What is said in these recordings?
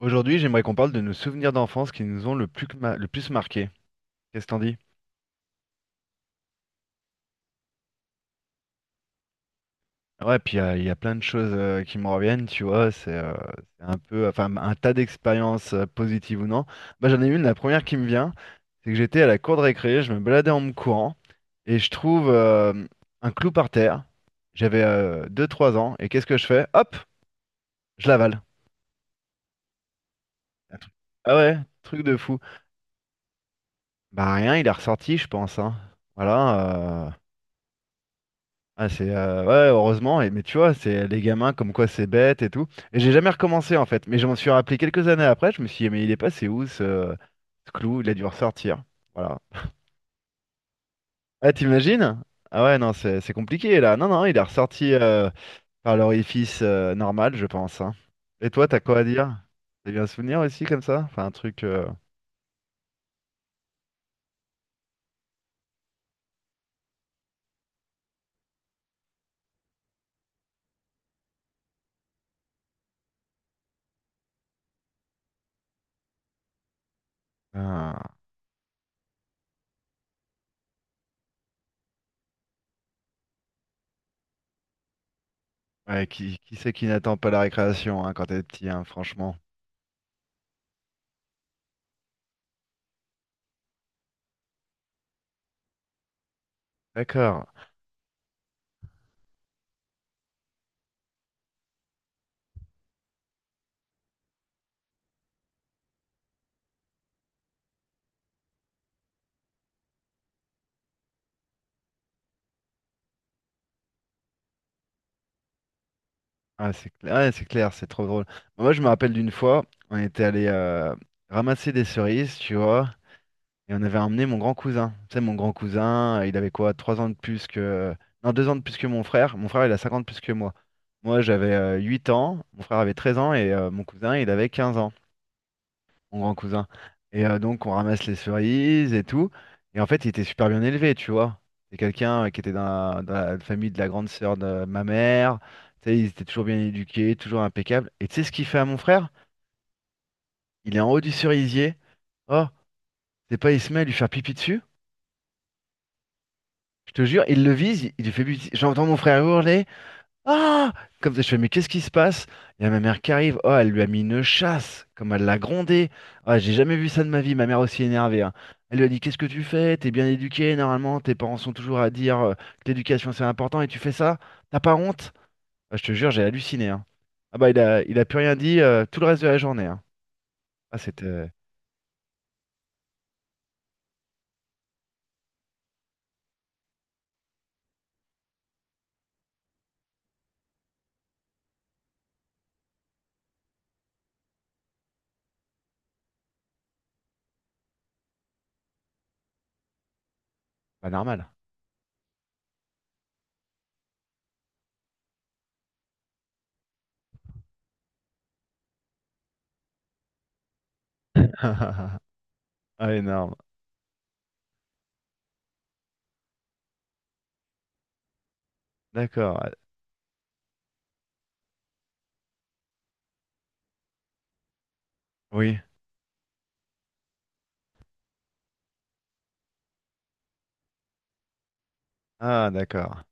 Aujourd'hui, j'aimerais qu'on parle de nos souvenirs d'enfance qui nous ont le plus marqué. Qu'est-ce que t'en dis? Ouais, puis il y a plein de choses qui me reviennent, tu vois. C'est un peu, enfin, un tas d'expériences positives ou non. Moi, j'en ai une, la première qui me vient, c'est que j'étais à la cour de récré, je me baladais en me courant, et je trouve un clou par terre. J'avais 2-3 ans, et qu'est-ce que je fais? Hop, je l'avale. Un truc- Ah ouais, truc de fou. Bah rien, il est ressorti, je pense, hein. Voilà. Ah, c'est ouais, heureusement, et, mais tu vois, c'est les gamins comme quoi c'est bête et tout. Et j'ai jamais recommencé en fait, mais je m'en suis rappelé quelques années après. Je me suis dit, mais il est passé où ce clou? Il a dû ressortir. Voilà. Ah, t'imagines? Ah ouais, non, c'est compliqué là. Non, non, il est ressorti par l'orifice normal, je pense, hein. Et toi, t'as quoi à dire? T'as eu un souvenir aussi comme ça? Enfin, un truc. Un- Ouais, qui c'est qui n'attend pas la récréation, hein, quand t'es petit, hein, franchement. D'accord. Ah, c'est clair, ouais, c'est clair, c'est trop drôle. Moi, je me rappelle d'une fois, on était allé ramasser des cerises, tu vois, et on avait emmené mon grand cousin. Tu sais, mon grand cousin, il avait quoi, 3 ans de plus que... Non, 2 ans de plus que mon frère. Mon frère, il a 50 de plus que moi. Moi, j'avais 8 ans, mon frère avait 13 ans, et mon cousin, il avait 15 ans, mon grand cousin. Et donc, on ramasse les cerises et tout. Et en fait, il était super bien élevé, tu vois. C'est quelqu'un qui était dans la famille de la grande sœur de ma mère. Tu sais, ils étaient toujours bien éduqués, toujours impeccables. Et tu sais ce qu'il fait à mon frère? Il est en haut du cerisier. Oh, c'est pas, il se met à lui faire pipi dessus. Je te jure, il le vise, il lui fait pipi. J'entends mon frère hurler. Ah! Comme ça, je fais, mais qu'est-ce qui se passe? Il y a ma mère qui arrive. Oh, elle lui a mis une chasse, comme elle l'a grondée. Ah, j'ai jamais vu ça de ma vie, ma mère aussi énervée, hein. Elle lui a dit, qu'est-ce que tu fais? T'es bien éduqué, normalement. Tes parents sont toujours à dire que l'éducation c'est important et tu fais ça? T'as pas honte? Ah, je te jure, j'ai halluciné, hein. Ah bah, il a plus rien dit tout le reste de la journée, hein. Ah, c'était pas normal. Ah, énorme. D'accord. Oui. Ah, d'accord.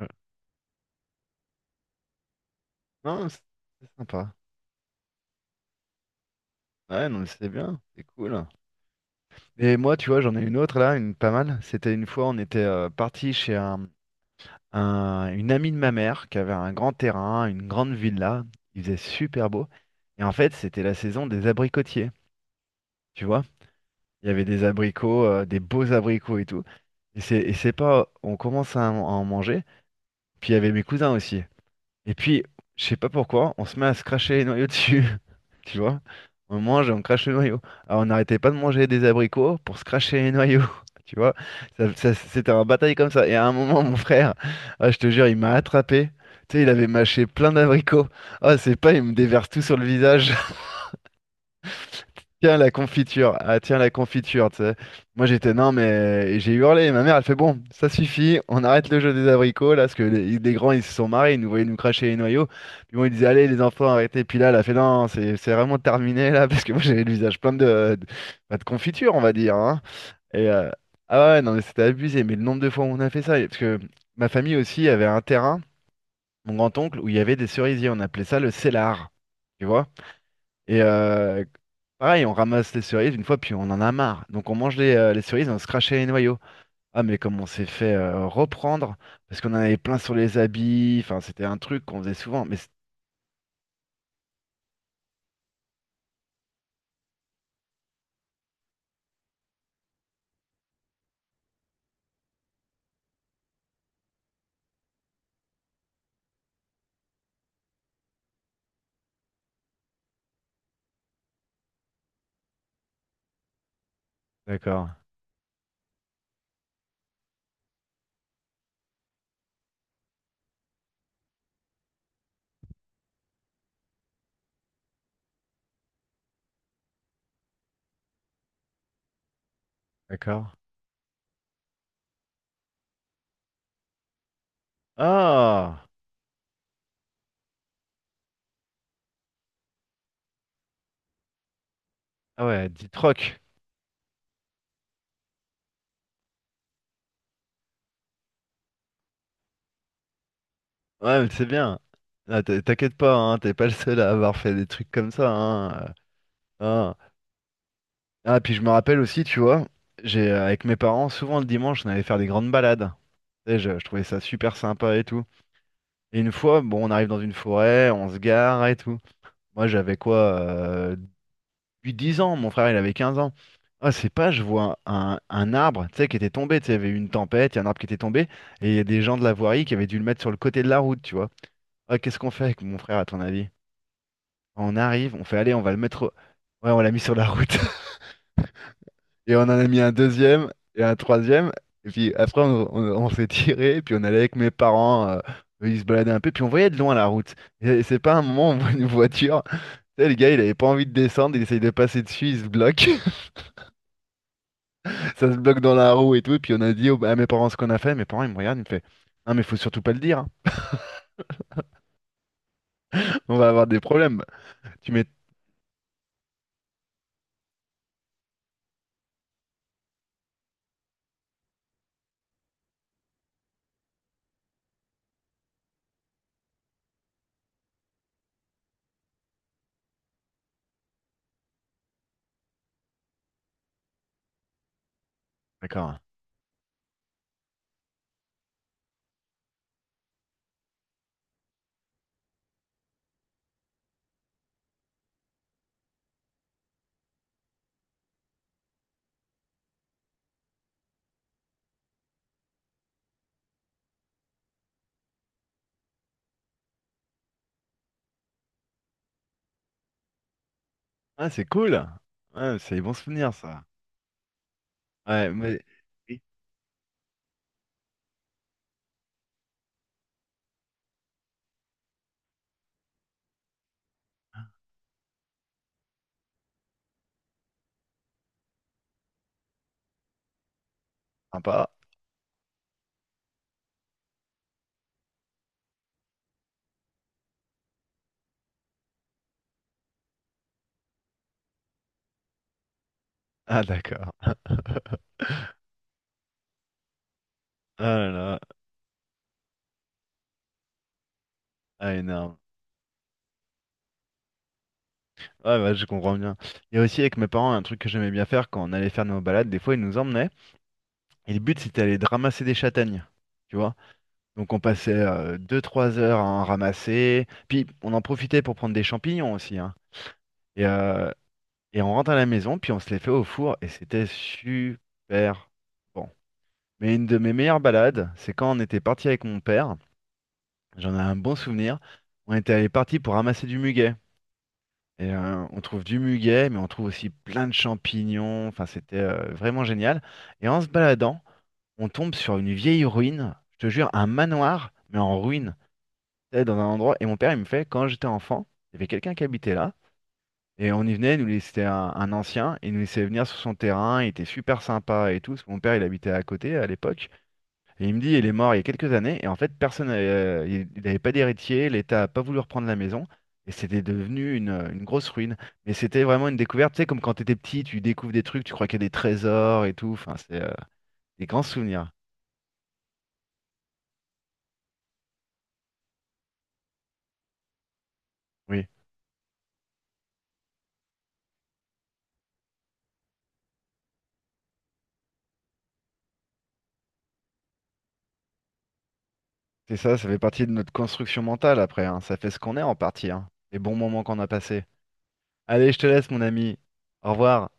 Euh, Non, c'est sympa. Ouais, non, mais c'est bien. C'est cool. Et moi, tu vois, j'en ai une autre là, une pas mal. C'était une fois, on était parti chez une amie de ma mère qui avait un grand terrain, une grande villa. Il faisait super beau. Et en fait, c'était la saison des abricotiers. Tu vois, il y avait des abricots, des beaux abricots et tout. Et c'est pas, on commence à en manger. Puis il y avait mes cousins aussi. Et puis, je sais pas pourquoi, on se met à se cracher les noyaux dessus. Tu vois? On mange et on crache le noyau. Alors, on n'arrêtait pas de manger des abricots pour se cracher les noyaux. Tu vois? C'était un bataille comme ça. Et à un moment, mon frère, ah, je te jure, il m'a attrapé. Tu sais, il avait mâché plein d'abricots. Ah, c'est pas, il me déverse tout sur le visage. Tiens la confiture, ah tiens la confiture, tu sais. Moi j'étais non mais et j'ai hurlé, ma mère elle fait bon, ça suffit, on arrête le jeu des abricots là, parce que les grands ils se sont marrés, ils nous voyaient nous cracher les noyaux, puis bon ils disaient allez les enfants arrêtez, puis là elle a fait non c'est vraiment terminé là, parce que moi j'avais le visage plein de confiture on va dire, hein. Et ah ouais non mais c'était abusé, mais le nombre de fois où on a fait ça, parce que ma famille aussi avait un terrain, mon grand-oncle, où il y avait des cerisiers, on appelait ça le cellar, tu vois? Et pareil, on ramasse les cerises une fois, puis on en a marre. Donc on mange les cerises, on se crachait les noyaux. Ah, mais comme on s'est fait reprendre, parce qu'on en avait plein sur les habits, enfin, c'était un truc qu'on faisait souvent. D'accord, d'accord. Ah, ah ouais, dit troc. Ouais, mais c'est bien. Ah, t'inquiète pas, hein, t'es pas le seul à avoir fait des trucs comme ça, hein. Ah. Ah, puis je me rappelle aussi, tu vois, j'ai avec mes parents, souvent le dimanche, on allait faire des grandes balades. Tu sais, je trouvais ça super sympa et tout. Et une fois, bon, on arrive dans une forêt, on se gare et tout. Moi, j'avais quoi, 8-10 ans, mon frère, il avait 15 ans. Ah, c'est pas, je vois un arbre, tu sais, qui était tombé, tu sais, il y avait eu une tempête, il y a un arbre qui était tombé, et il y a des gens de la voirie qui avaient dû le mettre sur le côté de la route, tu vois. Ah, qu'est-ce qu'on fait avec mon frère, à ton avis? On arrive, on fait, allez, on va le mettre. Ouais, on l'a mis sur la route, et on en a mis un deuxième, et un troisième, et puis après, on s'est tiré, et puis on allait avec mes parents, ils se baladaient un peu, puis on voyait de loin la route. Et c'est pas un moment où on voit une voiture. Tu sais, le gars, il avait pas envie de descendre, il essaye de passer dessus, il se bloque, ça se bloque dans la roue et tout. Et puis on a dit à mes parents ce qu'on a fait. Mes parents, ils me regardent, ils me font: Non, mais faut surtout pas le dire, hein. On va avoir des problèmes. Tu mets. D'accord. Ah, c'est cool. Ouais, c'est des bons souvenirs, ça. Ouais, mais. Oui, sympa. Ah, d'accord. Ah là là. Ah, énorme. Ouais, bah, je comprends bien. Et aussi, avec mes parents, un truc que j'aimais bien faire quand on allait faire nos balades, des fois, ils nous emmenaient. Et le but, c'était d'aller de ramasser des châtaignes. Tu vois? Donc on passait deux trois heures à en ramasser. Puis on en profitait pour prendre des champignons aussi, hein. Et, euh, et on rentre à la maison, puis on se les fait au four. Et c'était super bon. Mais une de mes meilleures balades, c'est quand on était parti avec mon père. J'en ai un bon souvenir. On était parti pour ramasser du muguet. Et on trouve du muguet, mais on trouve aussi plein de champignons. Enfin, c'était vraiment génial. Et en se baladant, on tombe sur une vieille ruine. Je te jure, un manoir, mais en ruine. J'étais dans un endroit, et mon père, il me fait, quand j'étais enfant, il y avait quelqu'un qui habitait là, et on y venait, il nous laissait, c'était un ancien, et il nous laissait venir sur son terrain, il était super sympa et tout, parce que mon père, il habitait à côté à l'époque, et il me dit, il est mort il y a quelques années, et en fait, personne, il n'avait pas d'héritier, l'État n'a pas voulu reprendre la maison, et c'était devenu une grosse ruine. Mais c'était vraiment une découverte, tu sais, comme quand t'étais petit, tu découvres des trucs, tu crois qu'il y a des trésors et tout, enfin, c'est des grands souvenirs. Oui, c'est ça, ça fait partie de notre construction mentale après, hein. Ça fait ce qu'on est en partie, hein. Les bons moments qu'on a passés. Allez, je te laisse, mon ami. Au revoir.